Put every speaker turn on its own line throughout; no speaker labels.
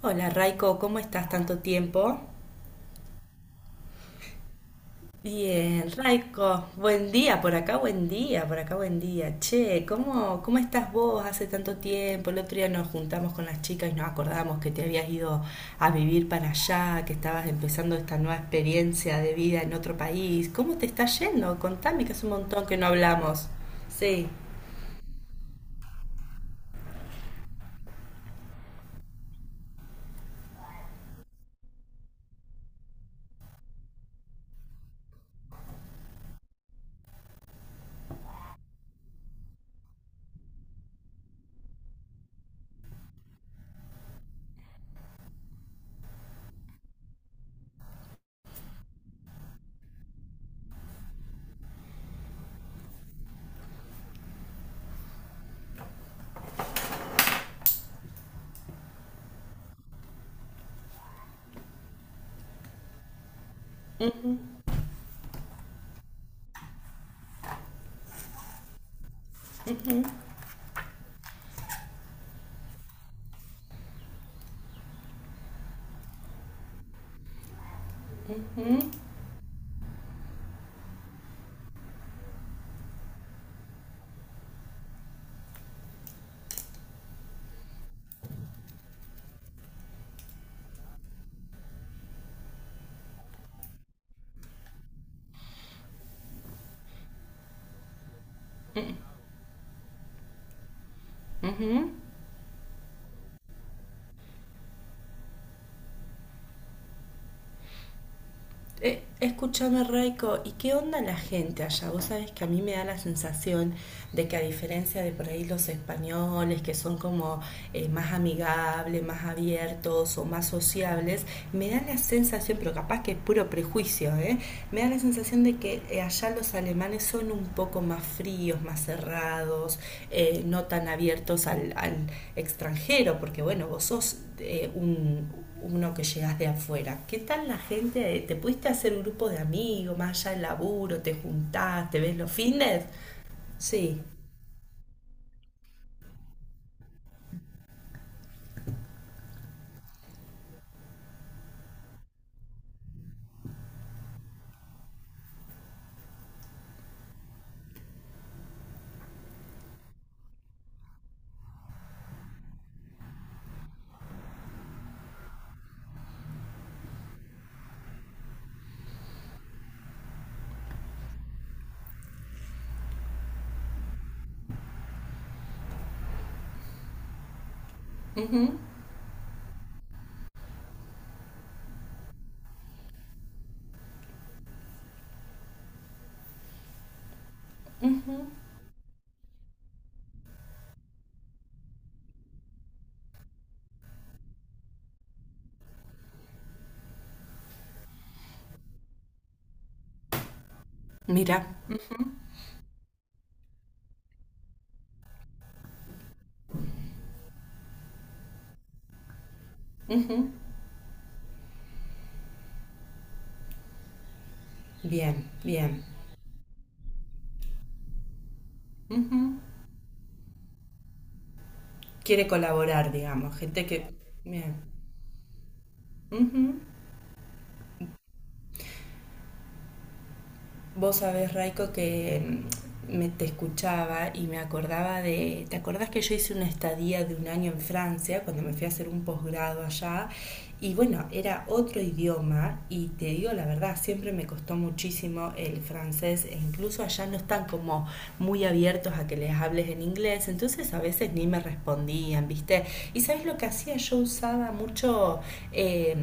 Hola Raiko, ¿cómo estás? Tanto tiempo. Bien, Raiko, buen día por acá, buen día, por acá, buen día. Che, ¿cómo estás vos? Hace tanto tiempo. El otro día nos juntamos con las chicas y nos acordamos que te habías ido a vivir para allá, que estabas empezando esta nueva experiencia de vida en otro país. ¿Cómo te está yendo? Contame, que hace un montón que no hablamos. Sí. ¿Mm? Escúchame, Raiko, ¿y qué onda la gente allá? Vos sabés que a mí me da la sensación de que, a diferencia de por ahí los españoles, que son como más amigables, más abiertos o más sociables, me da la sensación, pero capaz que es puro prejuicio, ¿eh? Me da la sensación de que allá los alemanes son un poco más fríos, más cerrados, no tan abiertos al extranjero, porque bueno, vos sos un uno que llegas de afuera. ¿Qué tal la gente? ¿Te pudiste hacer un grupo de amigos? Más allá del laburo, ¿te juntás, te ves los fines? Sí. Ujú, ujú. Mira. Ujú. Bien, bien. Ujú. Quiere colaborar, digamos. Gente que... Bien. Ujú. Vos sabés, Raiko, que mm, me te escuchaba y me acordaba de... ¿Te acordás que yo hice una estadía de 1 año en Francia cuando me fui a hacer un posgrado allá? Y bueno, era otro idioma y te digo la verdad, siempre me costó muchísimo el francés e incluso allá no están como muy abiertos a que les hables en inglés, entonces a veces ni me respondían, ¿viste? Y ¿sabes lo que hacía? Yo usaba mucho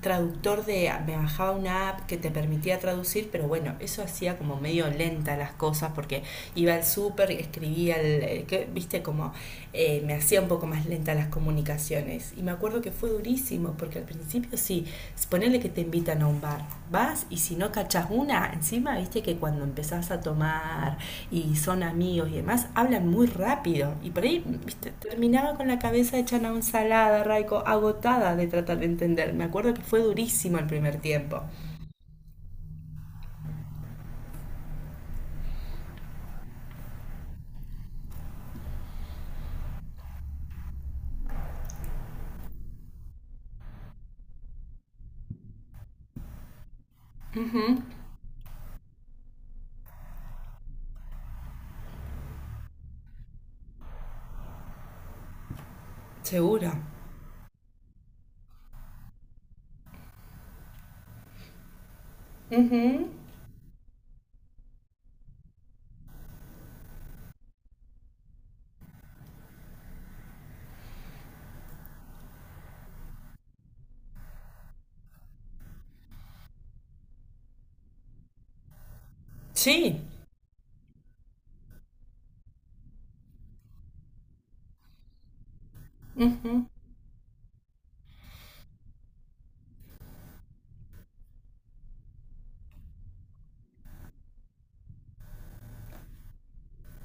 traductor, de, me bajaba una app que te permitía traducir, pero bueno, eso hacía como medio lenta las cosas porque iba al súper, escribía, el, que, viste, como me hacía un poco más lenta las comunicaciones. Y me acuerdo que fue durísimo, porque al principio sí, ponele que te invitan a un bar, vas y si no cachas una, encima viste que cuando empezás a tomar y son amigos y demás, hablan muy rápido. Y por ahí, viste, terminaba con la cabeza hecha una ensalada, Raico, agotada de tratar de entender. Me acuerdo que fue durísimo el primer tiempo. Seguro. Ujú. Sí. Ujú.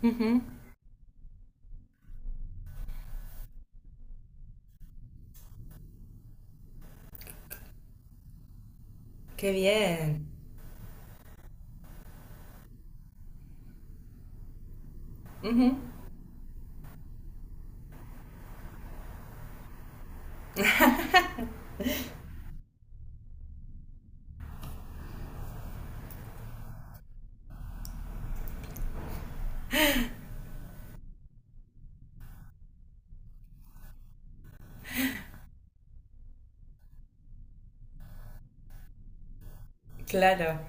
Ujú. Qué bien. Ujú. Claro.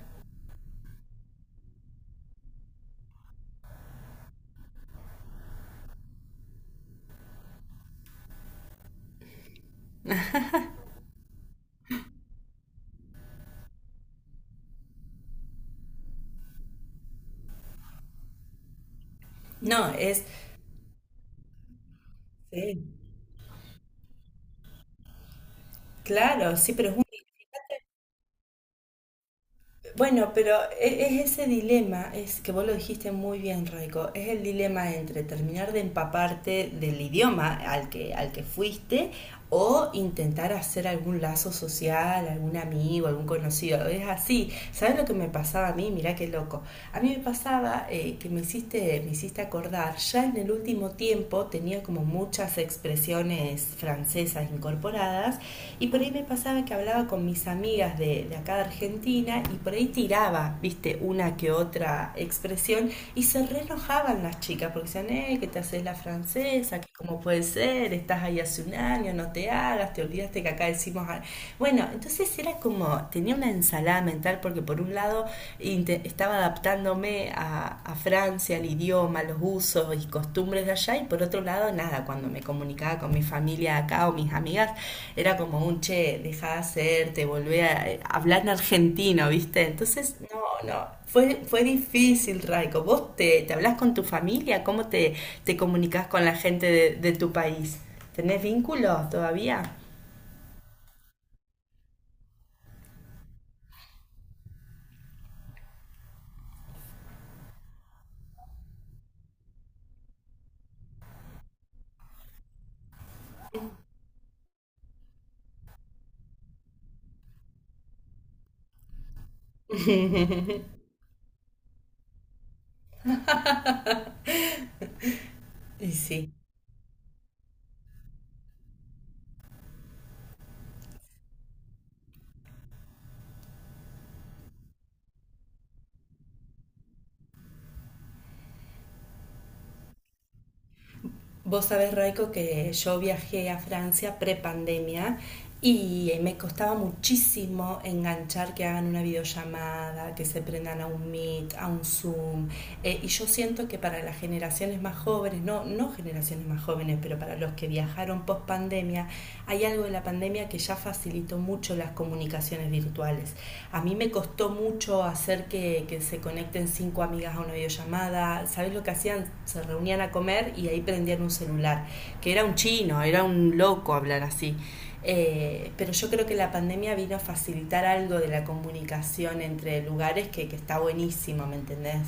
No, es... Sí, claro, sí, pero es un... Bueno, pero e- es ese dilema. Es que vos lo dijiste muy bien, Raico, es el dilema entre terminar de empaparte del idioma al que fuiste o intentar hacer algún lazo social, algún amigo, algún conocido. Es así. ¿Sabes lo que me pasaba a mí? Mirá qué loco. A mí me pasaba que me hiciste acordar, ya en el último tiempo tenía como muchas expresiones francesas incorporadas. Y por ahí me pasaba que hablaba con mis amigas de acá, de Argentina, y por ahí tiraba, viste, una que otra expresión y se re enojaban las chicas porque decían, que te haces la francesa, que cómo puede ser, estás ahí hace 1 año, no te hagas, te olvidaste que acá decimos... a-". Bueno, entonces era como, tenía una ensalada mental porque por un lado estaba adaptándome a Francia, el idioma, los usos y costumbres de allá, y por otro lado nada, cuando me comunicaba con mi familia acá o mis amigas era como un che, dejá de hacerte, volvé a hablar en argentino, ¿viste? Entonces, no, no, fue, fue difícil, Raico. ¿Vos te, te hablás con tu familia? ¿Cómo te, te comunicas con la gente de tu país? ¿Tenés vínculos todavía? Y sí. Vos sabés, Raico, que yo viajé a Francia prepandemia y me costaba muchísimo enganchar que hagan una videollamada, que se prendan a un Meet, a un Zoom. Y yo siento que para las generaciones más jóvenes, no, no generaciones más jóvenes, pero para los que viajaron post pandemia, hay algo de la pandemia que ya facilitó mucho mucho las comunicaciones virtuales. A mí me costó mucho hacer que se conecten 5 amigas a una videollamada. ¿Sabes lo que hacían? Se reunían a comer y ahí prendían un celular, que era un chino, era un loco hablar así. Pero yo creo que la pandemia vino a facilitar algo de la comunicación entre lugares que está buenísimo, ¿me entendés?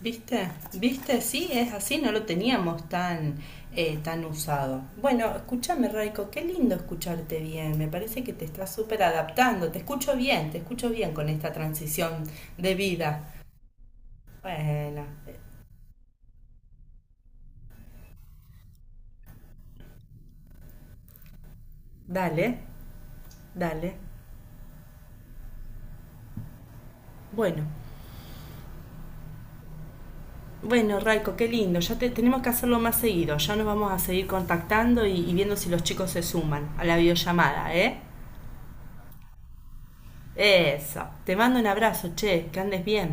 ¿Viste? ¿Viste? Sí, es así, no lo teníamos tan, tan usado. Bueno, escúchame, Raiko, qué lindo escucharte bien. Me parece que te estás súper adaptando. Te escucho bien con esta transición de vida. Bueno, dale, dale. Bueno, bueno, Raiko, qué lindo. Ya te... tenemos que hacerlo más seguido. Ya nos vamos a seguir contactando y viendo si los chicos se suman a la videollamada, ¿eh? Eso. Te mando un abrazo, che, que andes bien.